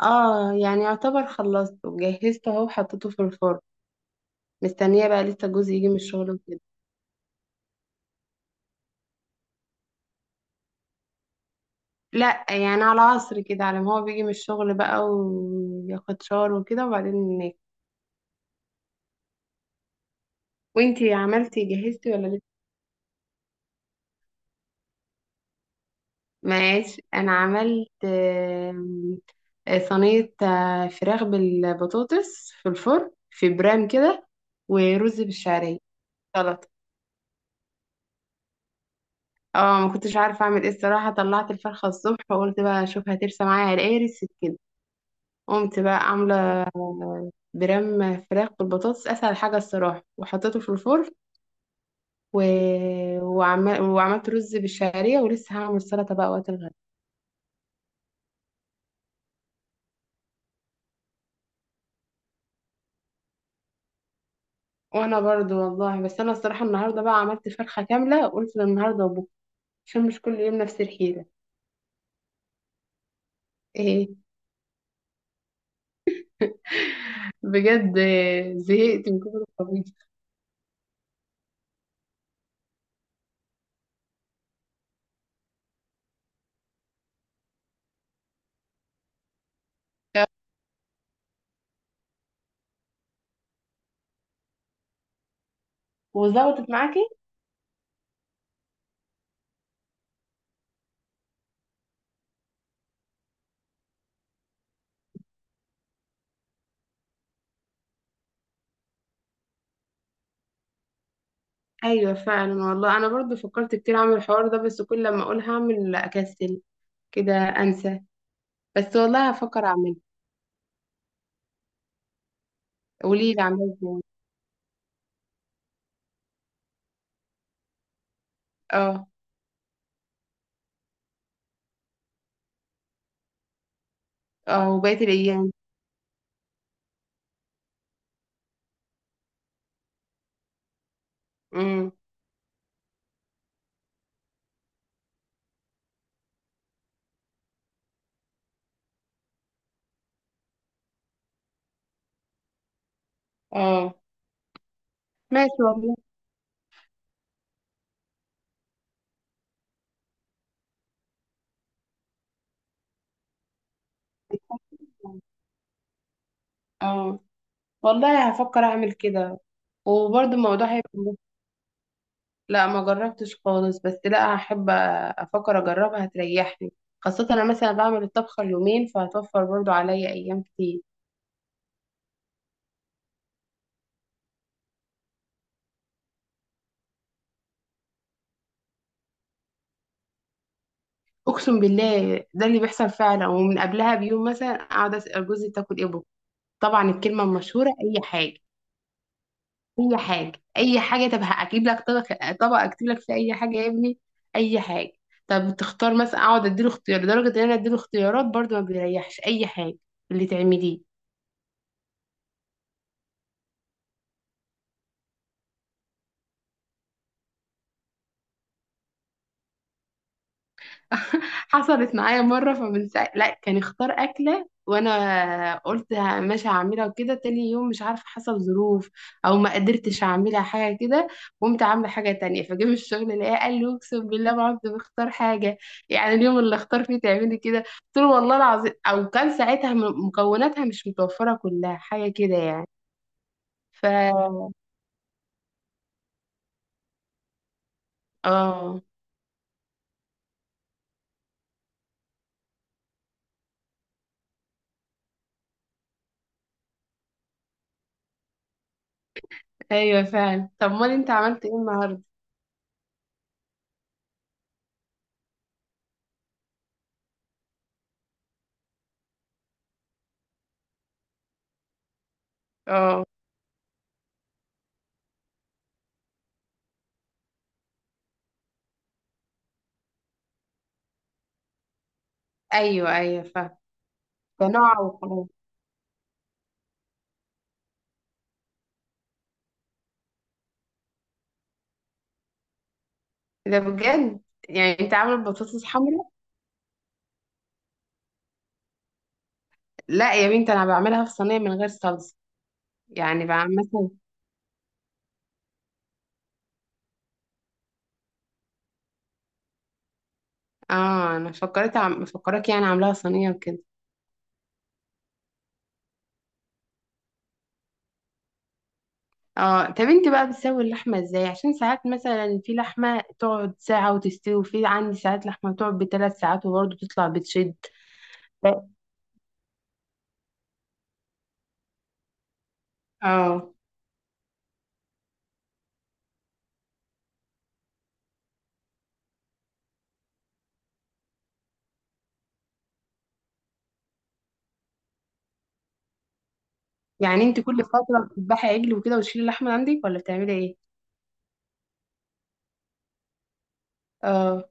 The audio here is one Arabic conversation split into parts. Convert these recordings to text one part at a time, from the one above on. اه، يعني يعتبر خلصته جهزته اهو وحطيته في الفرن. مستنية بقى لسه جوزي يجي من الشغل وكده. لا يعني على عصر كده، على ما هو بيجي من الشغل بقى وياخد شاور وكده وبعدين ناكل. وانتي عملتي جهزتي ولا لسه؟ ماشي، انا عملت صينية فراخ بالبطاطس في الفرن في برام كده، ورز بالشعرية، سلطة. اه ما كنتش عارفة اعمل ايه الصراحة، طلعت الفرخة الصبح وقلت بقى اشوف هترسى معايا على ايه، رسيت كده. قمت بقى عاملة برام فراخ بالبطاطس، أسهل حاجة الصراحة، وحطيته في الفرن و... وعملت رز بالشعرية، ولسه هعمل سلطة بقى وقت الغدا. وأنا برضو والله، بس أنا الصراحة النهاردة بقى عملت فرخة كاملة، قلت النهاردة وبكرة عشان مش كل يوم نفس الحيلة. إيه. بجد. زهقت من كتر الطبيخ. وظبطت معاكي؟ ايوه فعلا والله، انا برضو فكرت كتير اعمل الحوار ده، بس كل لما اقول هعمل اكسل كده انسى. بس والله هفكر اعمله. قولي لي عامله ازاي. اه. اه وبقيت الايام. امم. اه. ماشي والله. اه والله هفكر اعمل كده، وبرضه الموضوع هيبقى لا ما جربتش خالص، بس لا هحب افكر اجربها هتريحني، خاصة انا مثلا بعمل الطبخة اليومين فهتوفر برضو عليا ايام كتير. اقسم بالله ده اللي بيحصل فعلا، ومن قبلها بيوم مثلا اقعد اسال جوزي، تاكل ايه بكرة؟ طبعا الكلمة المشهورة، اي حاجة. اي حاجه. اي حاجه، طب هجيب لك طبق، طبق اكتب لك فيه اي حاجه يا ابني. اي حاجه. طب تختار مثلا، اقعد اديله اختيار، لدرجه ان انا اديله اختيارات برضو ما بيريحش، اي حاجه اللي تعمليه. حصلت معايا مرة، فمن ساعة لا كان اختار أكلة، وأنا قلت ماشي هعملها وكده، تاني يوم مش عارفة حصل ظروف أو ما قدرتش أعملها، حاجة كده، قمت عاملة حاجة تانية، فجه من الشغل لقاه قال لي، أقسم بالله ما عدت بختار حاجة، يعني اليوم اللي اختار فيه تعملي كده. قلت له والله العظيم، أو كان ساعتها مكوناتها مش متوفرة كلها، حاجة كده يعني. ف اه. أيوة فعلا، طب أمال أنت عملت إيه النهاردة؟ اه. أيوة أيوة فعلا. ده نوع وخلاص. ده بجد؟ يعني انت عامله البطاطس حمرا؟ لا يا بنتي، انا بعملها في صينيه من غير صلصه، يعني بعمل مثلا. اه انا فكرت فكرك يعني عاملاها صينيه وكده. اه طب انت بقى بتسوي اللحمه ازاي؟ عشان ساعات مثلا في لحمه تقعد ساعه وتستوي، وفي عندي ساعات لحمه تقعد ب3 ساعات وبرضه تطلع بتشد. اه يعني انت كل فتره بتذبحي عجل وكده وتشيلي اللحمه من عندك، ولا بتعملي ايه؟ اه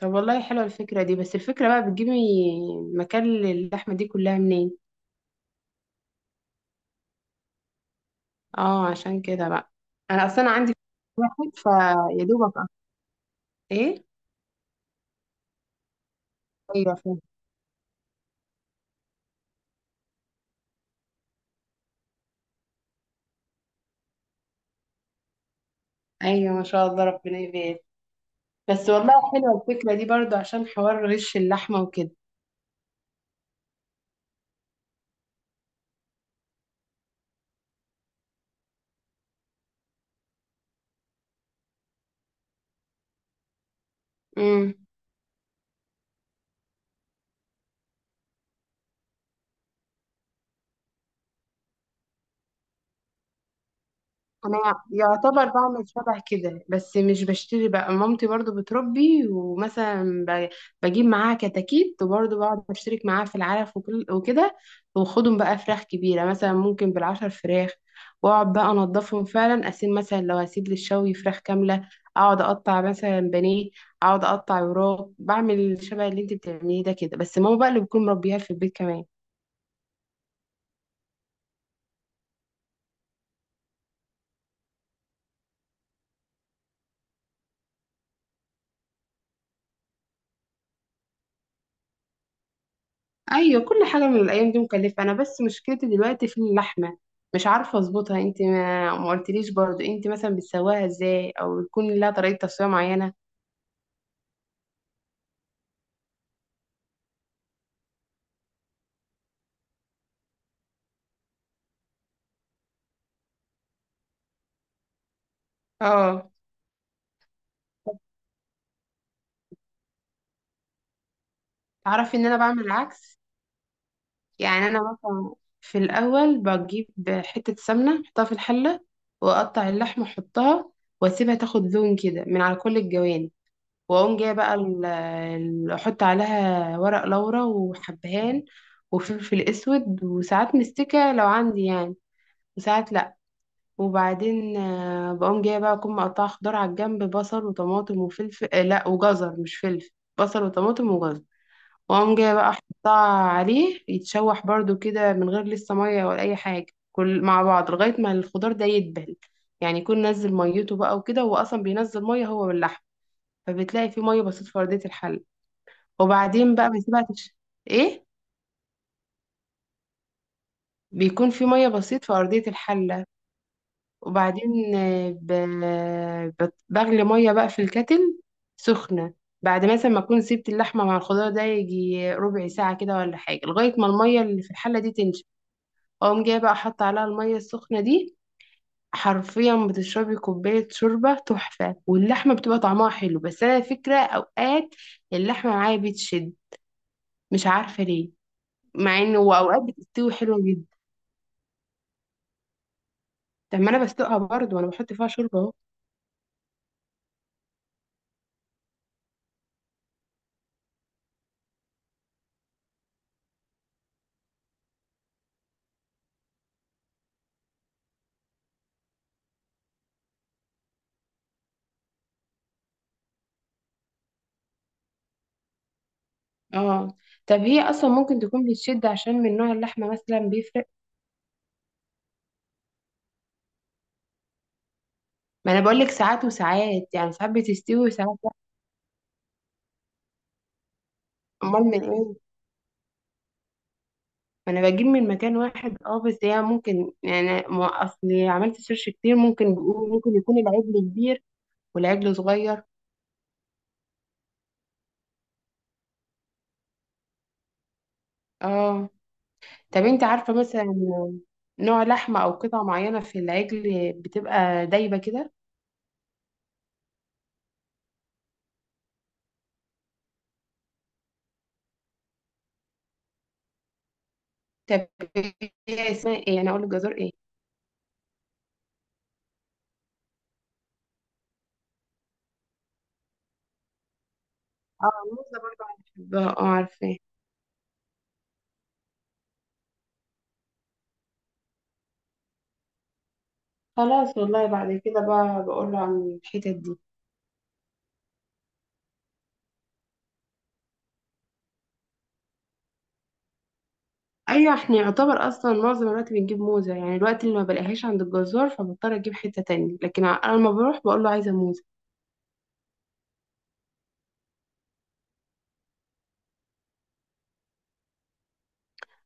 طب والله حلوه الفكره دي، بس الفكره بقى بتجيبي مكان اللحمه دي كلها منين؟ اه عشان كده بقى. انا اصلا عندي واحد فيا دوبك أه. ايه؟ ايوه فاهم. ايوه ما شاء الله ربنا يبارك. بس والله حلوه الفكره دي برضو عشان حوار غش اللحمه وكده. امم. انا يعتبر بعمل شبه كده، بس مش بشتري بقى، مامتي برضو بتربي ومثلا بجيب معاها كتاكيت، وبرضو بقعد اشترك معاها في العلف وكده. واخدهم بقى فراخ كبيرة مثلا ممكن بال10 فراخ، واقعد بقى انضفهم فعلا، اسيب مثلا لو هسيب للشوي فراخ كاملة، اقعد اقطع مثلا بانيه، اقعد اقطع وراك، بعمل شبه اللي انت بتعمليه ده كده، بس ماما بقى اللي بتكون مربيها في البيت كمان. ايوه كل حاجه من الايام دي مكلفه، انا بس مشكلتي دلوقتي في اللحمه، مش عارفه اظبطها. انت ما قلتليش برضو انت مثلا بتسواها ازاي، او يكون لها طريقه تسويه معينه. اه تعرفي ان انا بعمل العكس. يعني انا مثلا في الاول بجيب حته سمنه احطها في الحله، واقطع اللحمه احطها، واسيبها تاخد لون كده من على كل الجوانب، واقوم جايه بقى احط عليها ورق لورا وحبهان وفلفل اسود، وساعات مستكه لو عندي يعني، وساعات لا. وبعدين بقوم جايه بقى اكون مقطعه خضار على الجنب، بصل وطماطم وفلفل، لا وجزر مش فلفل، بصل وطماطم وجزر. واقوم جايه بقى احطها عليه يتشوح برضو كده من غير لسه ميه ولا اي حاجه، كل مع بعض لغايه ما الخضار ده يدبل، يعني يكون نزل ميته بقى وكده، هو اصلا بينزل ميه هو واللحم، فبتلاقي فيه ميه بسيط في ارضيه الحل. وبعدين بقى بسيبها ايه، بيكون في ميه بسيط في ارضيه الحل. وبعدين بغلي ميه بقى في الكتل سخنه، بعد مثلا ما اكون سبت اللحمه مع الخضار ده يجي ربع ساعه كده ولا حاجه، لغايه ما الميه اللي في الحله دي تنشف، اقوم جايه بقى حاطه عليها الميه السخنه دي، حرفيا بتشربي كوبايه شوربه تحفه، واللحمه بتبقى طعمها حلو. بس انا فكره اوقات اللحمه معايا بتشد، مش عارفه ليه، مع انه واوقات بتستوي حلوه جدا. طب ما انا بسلقها برضه وانا بحط فيها شوربه اهو. اه طب هي اصلا ممكن تكون بتشد عشان من نوع اللحمه مثلا بيفرق. ما انا بقول لك ساعات وساعات، يعني ساعات بتستوي وساعات لا. امال من ايه؟ ما انا بجيب من مكان واحد اه، بس هي ممكن، يعني ما اصلي عملت سيرش كتير، ممكن بيقول ممكن يكون العجل كبير والعجل صغير. اه طب انت عارفه مثلا نوع لحمه او قطعه معينه في العجل بتبقى دايبه كده؟ طب هي اسمها ايه، انا اقول لك جزر ايه؟ اه، الموزه برضه انا بحبها، اه عارفه. خلاص والله، بعد كده بقى بقول له عن الحتت دي. ايوه احنا يعتبر اصلا معظم الوقت بنجيب موزه، يعني الوقت اللي ما بلاقيهاش عند الجزار فبضطر اجيب حته تانية، لكن انا لما بروح بقول له عايزه موزه.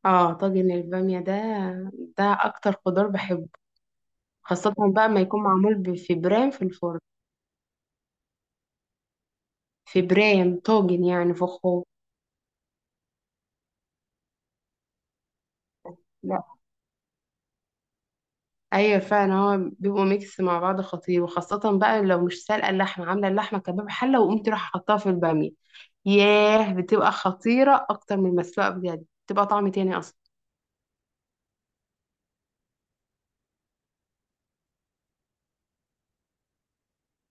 اه طاجن الباميه ده، ده اكتر خضار بحبه، خاصه بقى ما يكون معمول في برام في الفرن. في برام طاجن، يعني فخار. ايوه فعلا، هو بيبقوا ميكس مع بعض خطير، وخاصة بقى لو مش سالقة اللحمة، عاملة اللحمة كباب حلة وقمت رايحة حطها في البامية، ياه بتبقى خطيرة اكتر من المسلوقة بجد، بتبقى طعم تاني اصلا.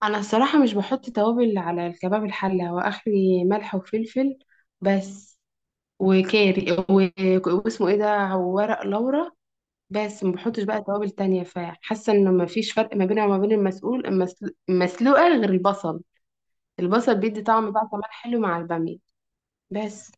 انا الصراحة مش بحط توابل على الكباب الحلة، هو اخري ملح وفلفل بس، وكاري واسمه ايه ده، وورق لورا بس، ما بحطش بقى توابل تانية، فحاسة انه ما فيش فرق ما بينها وما بين المسؤول المسلوقة غير البصل، البصل بيدي طعم بقى كمان حلو مع البامية. بس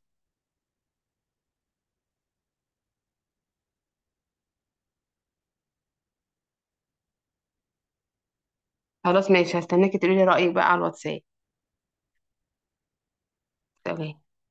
خلاص ماشي، هستناكي تقولي لي رأيك بقى على الواتساب. سلام.